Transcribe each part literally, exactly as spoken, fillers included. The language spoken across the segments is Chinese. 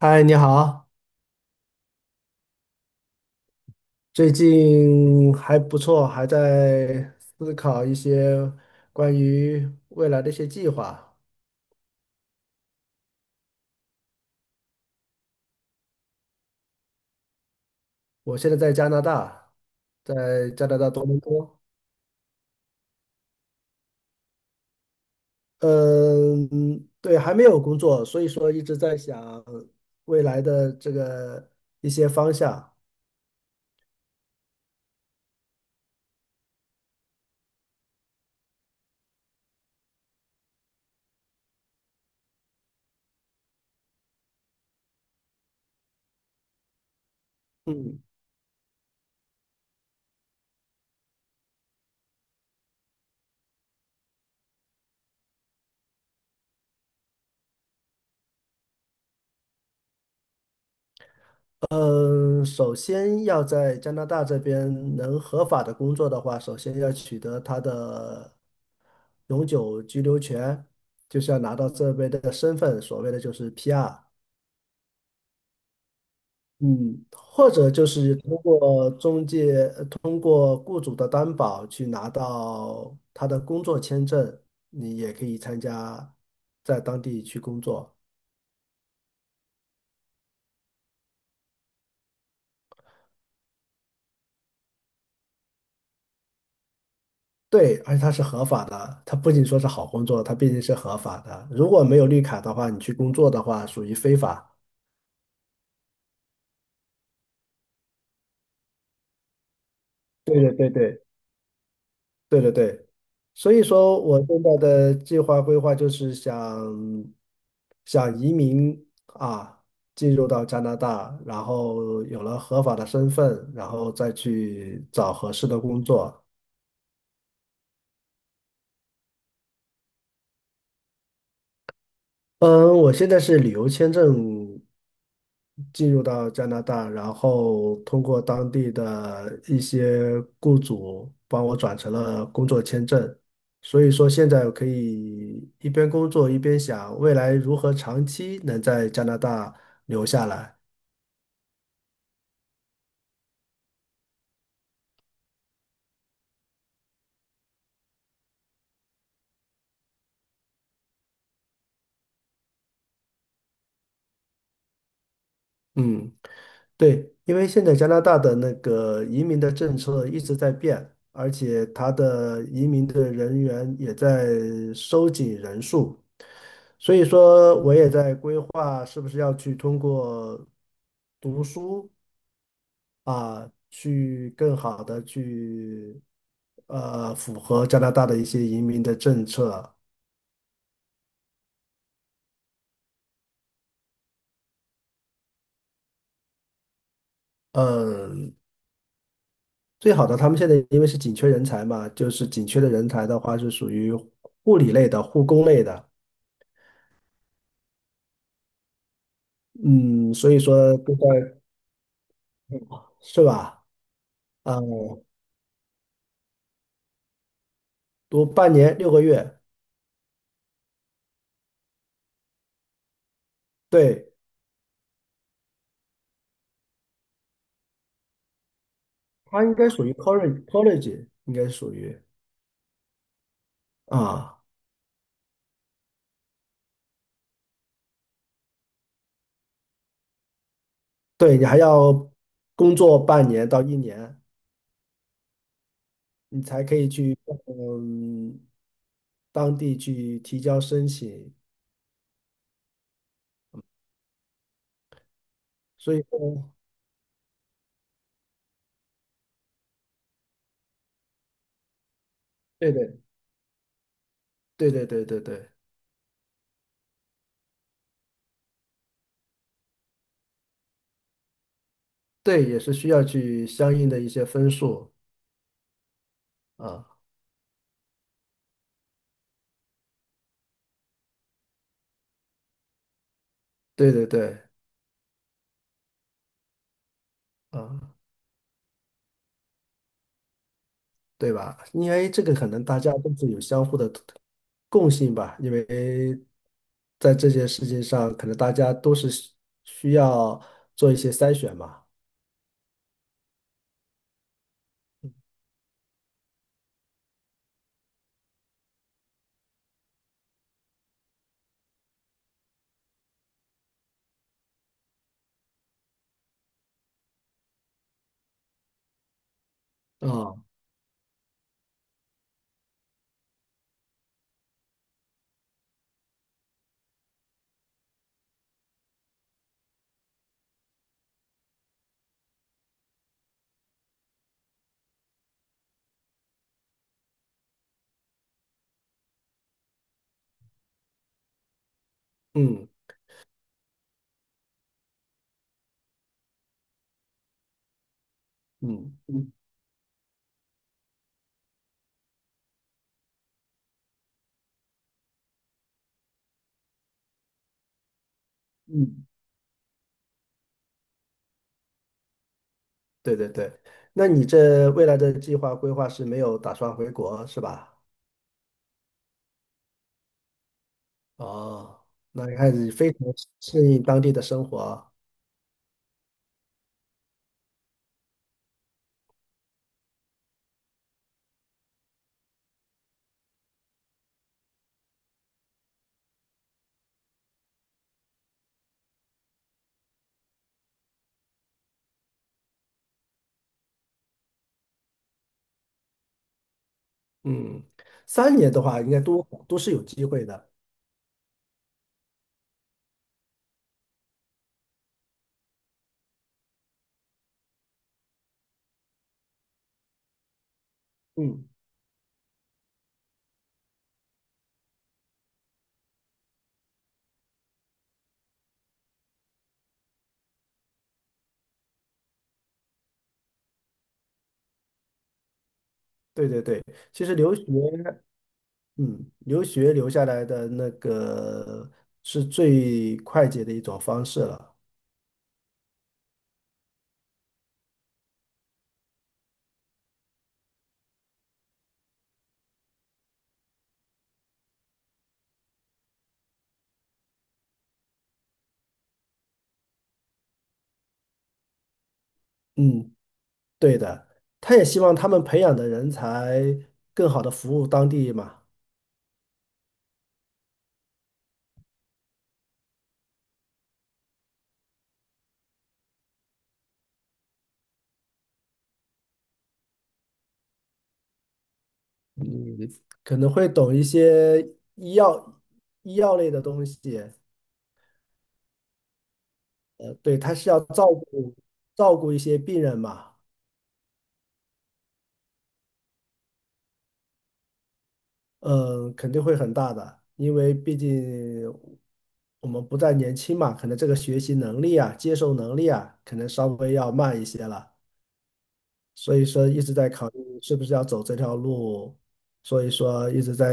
嗨，你好，最近还不错，还在思考一些关于未来的一些计划。我现在在加拿大，在加拿大多伦多。嗯，对，还没有工作，所以说一直在想未来的这个一些方向。嗯。嗯，首先要在加拿大这边能合法的工作的话，首先要取得他的永久居留权，就是要拿到这边的身份，所谓的就是 P R。嗯，或者就是通过中介，呃通过雇主的担保去拿到他的工作签证，你也可以参加在当地去工作。对，而且它是合法的，它不仅说是好工作，它毕竟是合法的。如果没有绿卡的话，你去工作的话，属于非法。对对对对对对对，所以说我现在的计划规划就是想想移民啊，进入到加拿大，然后有了合法的身份，然后再去找合适的工作。嗯，我现在是旅游签证进入到加拿大，然后通过当地的一些雇主帮我转成了工作签证，所以说现在我可以一边工作一边想未来如何长期能在加拿大留下来。嗯。对，因为现在加拿大的那个移民的政策一直在变，而且它的移民的人员也在收紧人数，所以说我也在规划是不是要去通过读书啊，去更好的去呃符合加拿大的一些移民的政策。嗯，最好的他们现在因为是紧缺人才嘛，就是紧缺的人才的话是属于护理类的、护工类的。嗯，所以说就在。是吧？啊、读半年六个月。对，它应该属于 college college，应该属于啊，对你还要工作半年到一年，你才可以去嗯当地去提交申请。所以说，对对对对对对对对，也是需要去相应的一些分数啊，对对对啊。对吧？因为这个可能大家都是有相互的共性吧，因为在这件事情上，可能大家都是需需要做一些筛选嘛。啊，嗯嗯嗯嗯，对对对。那你这未来的计划规划是没有打算回国是吧？哦，那你看你非常适应当地的生活。嗯，三年的话，应该都都是有机会的。嗯，对对对，其实留学。嗯，留学留下来的那个是最快捷的一种方式了。嗯，对的，他也希望他们培养的人才更好的服务当地嘛。嗯，可能会懂一些医药医药类的东西。呃，对，他是要照顾照顾一些病人嘛。嗯，肯定会很大的，因为毕竟我们不再年轻嘛，可能这个学习能力啊、接受能力啊，可能稍微要慢一些了。所以说一直在考虑是不是要走这条路，所以说一直在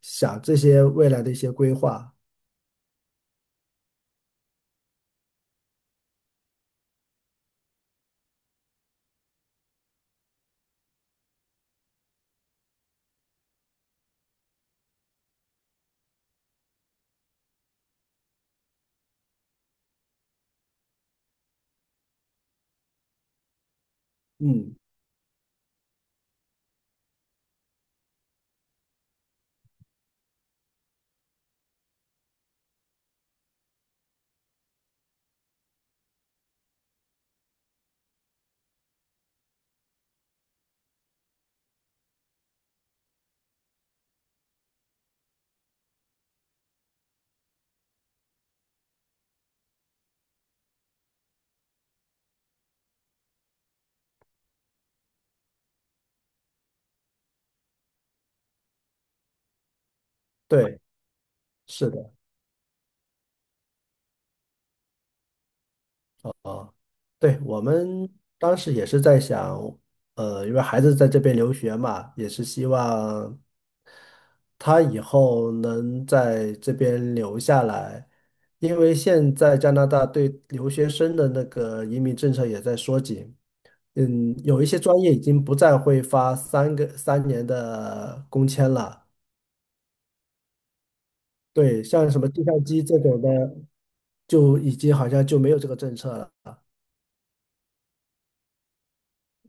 想这些未来的一些规划。嗯，对，是的。啊，对，我们当时也是在想，呃，因为孩子在这边留学嘛，也是希望他以后能在这边留下来，因为现在加拿大对留学生的那个移民政策也在缩紧。嗯，有一些专业已经不再会发三个三年的工签了。对，像什么计算机这种的，就已经好像就没有这个政策了。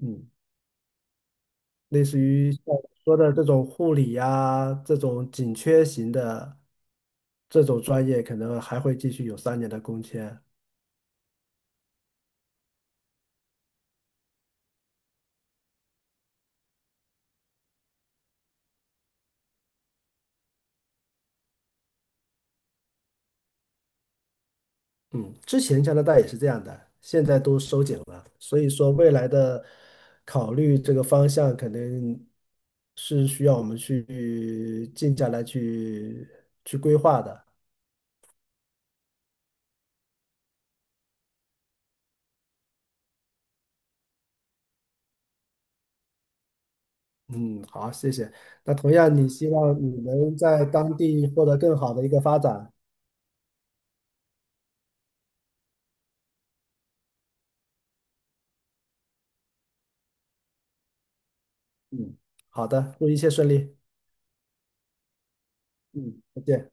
嗯，类似于像我说的这种护理呀、这种紧缺型的这种专业，可能还会继续有三年的工签。嗯，之前加拿大也是这样的，现在都收紧了，所以说未来的考虑这个方向肯定是需要我们去静下来去去规划的。嗯，好，谢谢。那同样，你希望你能在当地获得更好的一个发展。嗯，好的，祝一切顺利。嗯，再见。